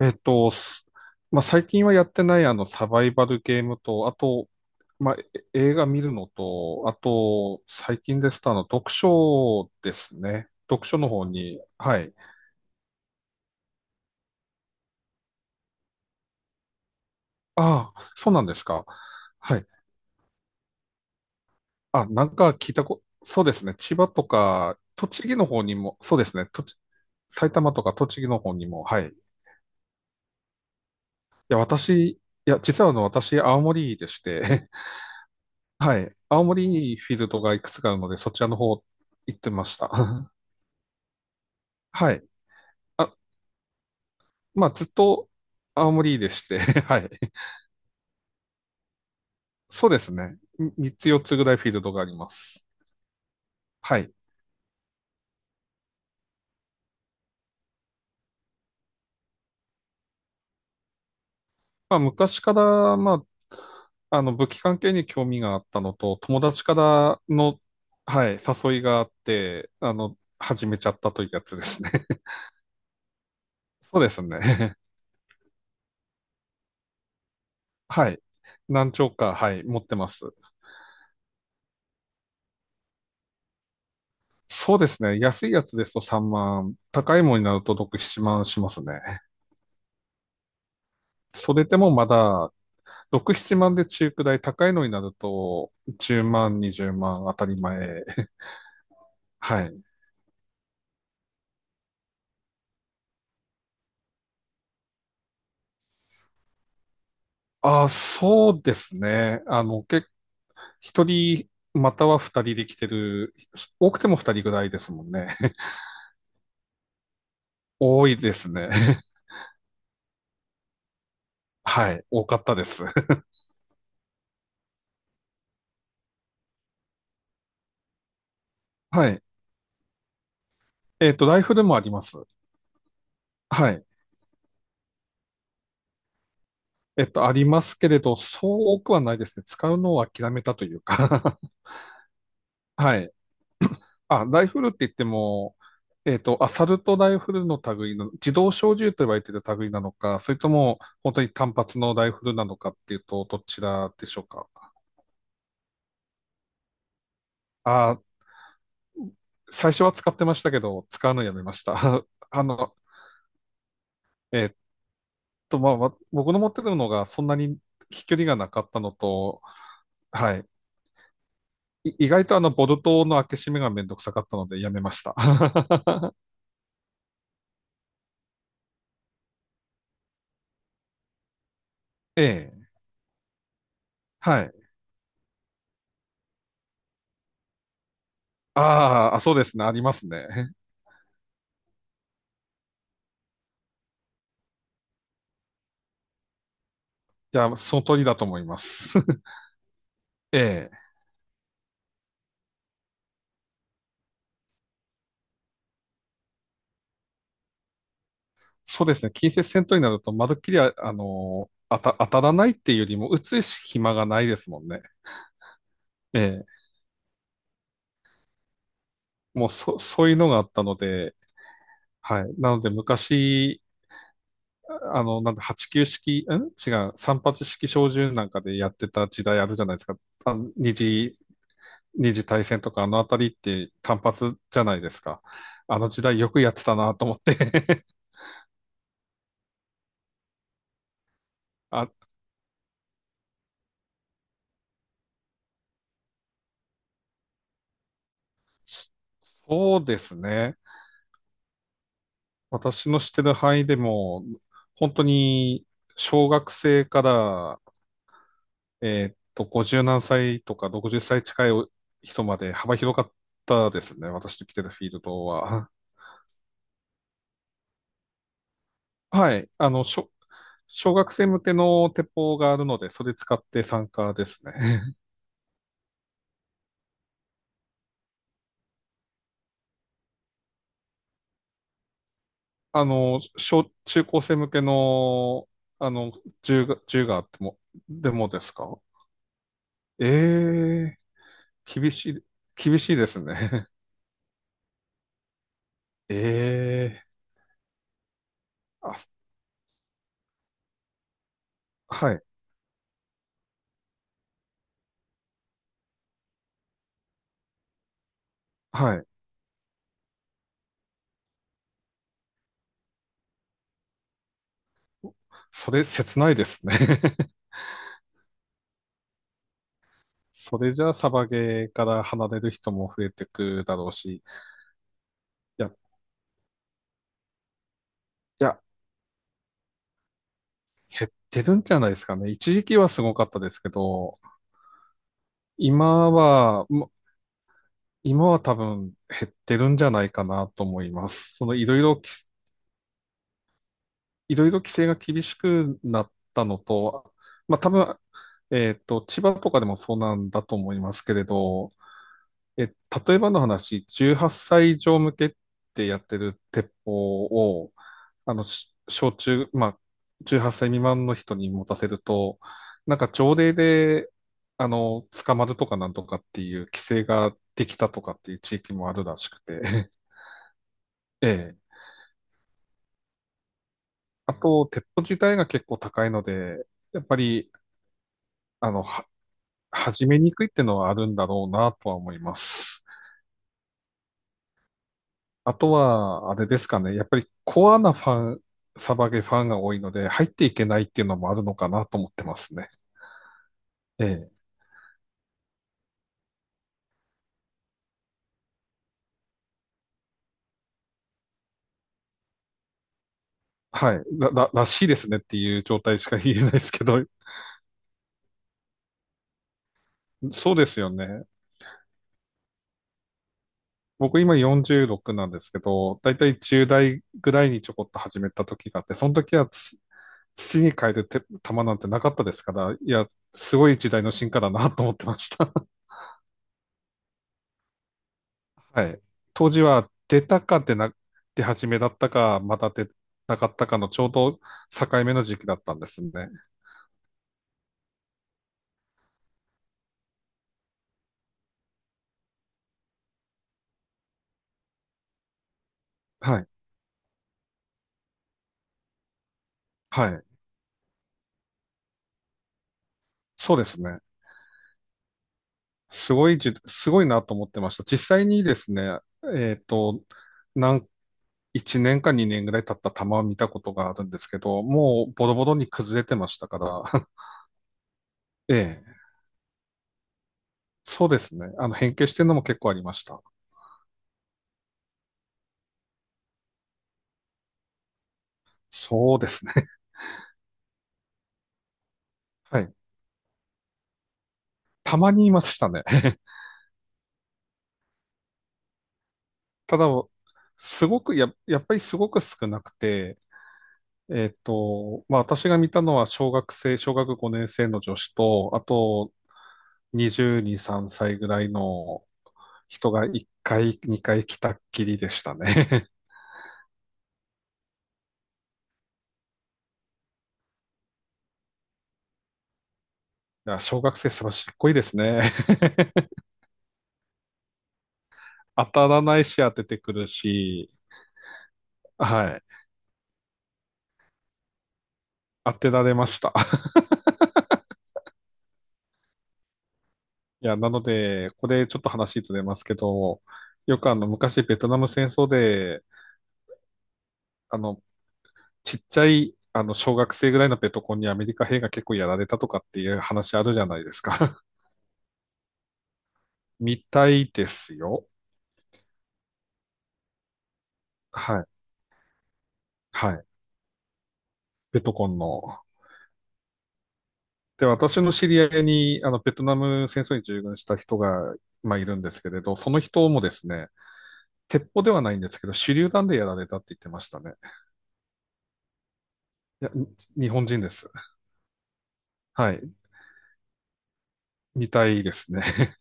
えっと、すまあ、最近はやってないあのサバイバルゲームと、あと、まあ、映画見るのと、あと、最近ですとあの読書ですね。読書の方に、はい。ああ、そうなんですか。はい。あ、なんか聞いたこ、そうですね。千葉とか、栃木の方にも、そうですね。埼玉とか栃木の方にも、はい。いや、実はあの、私、青森でして、はい。青森にフィールドがいくつかあるので、そちらの方行ってました。はい。あ、まあ、ずっと青森でして、はい。そうですね。3つ4つぐらいフィールドがあります。はい。まあ、昔から、まあ、あの、武器関係に興味があったのと、友達からの、はい、誘いがあって、あの、始めちゃったというやつですね。そうですね。はい。何丁か、はい、持ってます。そうですね。安いやつですと3万、高いものになると6、7万しますね。それでもまだ、6、7万で中くらい、高いのになると、10万、20万当たり前。はい。ああ、そうですね。あの、一人、または二人で来てる、多くても二人ぐらいですもんね。多いですね。はい。多かったです。はい。えっと、ライフルもあります。はい。えっと、ありますけれど、そう多くはないですね。使うのを諦めたというか。はい。あ、ライフルって言っても、えっと、アサルトライフルの類の、自動小銃と言われている類なのか、それとも、本当に単発のライフルなのかっていうと、どちらでしょうか。あ、最初は使ってましたけど、使うのやめました。あの、えっまあ、僕の持ってるのがそんなに飛距離がなかったのと、はい。意外とあの、ボルトの開け閉めがめんどくさかったので、やめました。ええ、はい。あーあ、そうですね。ありますね。いや、その通りだと思います。ええ、そうですね。近接戦闘になると、まるっきり当たらないっていうよりも、打つ暇がないですもんね。ええ、もうそ、そういうのがあったので、はい。なので、昔、あの、なんだ、89式、ん違う、3発式小銃なんかでやってた時代あるじゃないですか。あの二次大戦とか、あのあたりって単発じゃないですか。あの時代よくやってたなと思って。 あ、そうですね。私の知ってる範囲でも、本当に小学生から、えーっと、50何歳とか60歳近い人まで幅広かったですね。私の来てるフィールドは。はい。あの、小学生向けの鉄砲があるので、それ使って参加ですね。あの、中高生向けの、あの、銃があっても、でもですか？ええー。厳しい、厳しいですね。ええー、あ、はいはい。それ、切ないですね。それじゃあ、サバゲーから離れる人も増えてくだろうし、いや、いや、減ってるんじゃないですかね。一時期はすごかったですけど、今は、も今は多分減ってるんじゃないかなと思います。その、いろいろ規制が厳しくなったのと、まあ、多分、えっと、千葉とかでもそうなんだと思いますけれど、え、例えばの話、18歳以上向けってやってる鉄砲を、あの、し小中、まあ、18歳未満の人に持たせると、なんか条例で、あの、捕まるとかなんとかっていう規制ができたとかっていう地域もあるらしくて、ええ。あと、鉄砲自体が結構高いので、やっぱり、あの、は、始めにくいってのはあるんだろうなとは思います。あとは、あれですかね。やっぱりコアなファン、サバゲファンが多いので、入っていけないっていうのもあるのかなと思ってますね。ええ。はい。らしいですねっていう状態しか言えないですけど、そうですよね。僕今46なんですけど、だいたい10代ぐらいにちょこっと始めた時があって、その時は土に変える球なんてなかったですから、いや、すごい時代の進化だなと思ってました。はい。当時は出始めだったか、また出なかったかのちょうど境目の時期だったんですね。はい。はい。そうですね。すごいなと思ってました。実際にですね、えっと、なん1年か2年ぐらい経った玉を見たことがあるんですけど、もうボロボロに崩れてましたから、ええ、そうですね。あの、変形してるのも結構ありました。そうですね。はい。たまにいましたね。ただ、すごくや、やっぱりすごく少なくて、えっと、まあ私が見たのは小学5年生の女子と、あと22、3歳ぐらいの人が1回、2回来たっきりでしたね。いや、小学生素晴らしっこいいですね。当たらないし当ててくるし、はい。当てられました。いや、なので、これちょっと話ずれますけど、よくあの昔ベトナム戦争で、あのちっちゃい、あの、小学生ぐらいのペトコンにアメリカ兵が結構やられたとかっていう話あるじゃないですか。みたいですよ。はい。はい。ペトコンの。で、私の知り合いに、あの、ベトナム戦争に従軍した人が、まあ、いるんですけれど、その人もですね、鉄砲ではないんですけど、手榴弾でやられたって言ってましたね。いや、に日本人です。はい。みたいですね。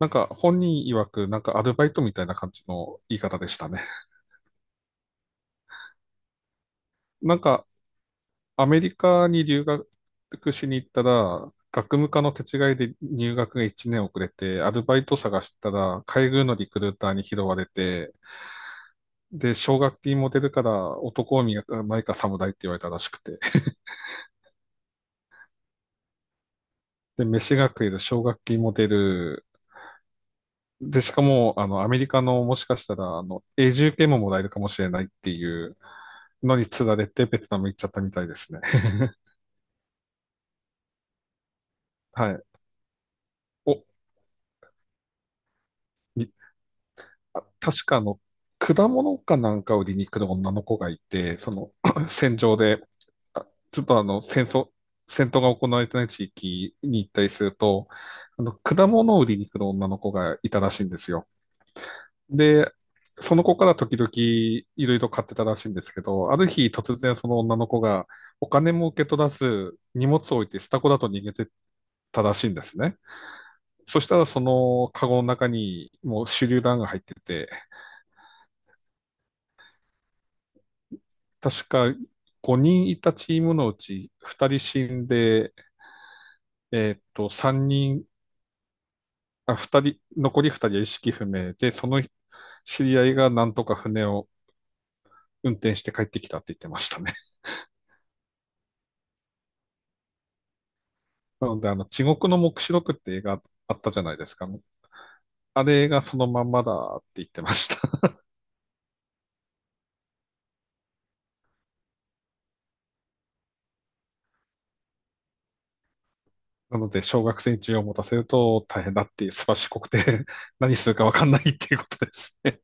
なんか、本人曰く、なんかアルバイトみたいな感じの言い方でしたね。なんか、アメリカに留学しに行ったら、学務課の手違いで入学が1年遅れて、アルバイト探したら、海軍のリクルーターに拾われて、で、奨学金も出るから、男を磨かないか侍って言われたらしくて。で、飯が食える、奨学金も出る。で、しかも、あの、アメリカのもしかしたら、あの、永住権ももらえるかもしれないっていうのに釣られて、ベトナム行っちゃったみたいですね。はい。お、みあ、確かあの、果物かなんかを売りに来る女の子がいて、その 戦場で、あちょっとあの、戦闘が行われてない地域に行ったりすると、あの、果物を売りに来る女の子がいたらしいんですよ。で、その子から時々いろいろ買ってたらしいんですけど、ある日突然その女の子がお金も受け取らず、荷物を置いてスタコだと逃げてたらしいんですね。そしたらそのカゴの中にもう手榴弾が入ってて、確か5人いたチームのうち2人死んで、えっと、3人、あ、2人、残り2人は意識不明で、その知り合いがなんとか船を運転して帰ってきたって言ってましたね。なので、あの、地獄の黙示録って映画あったじゃないですか。あれがそのまんまだって言ってました。なので、小学生に銃を持たせると大変だっていう、すばしこくて 何するかわかんないっていうことですね。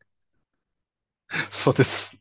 そうです。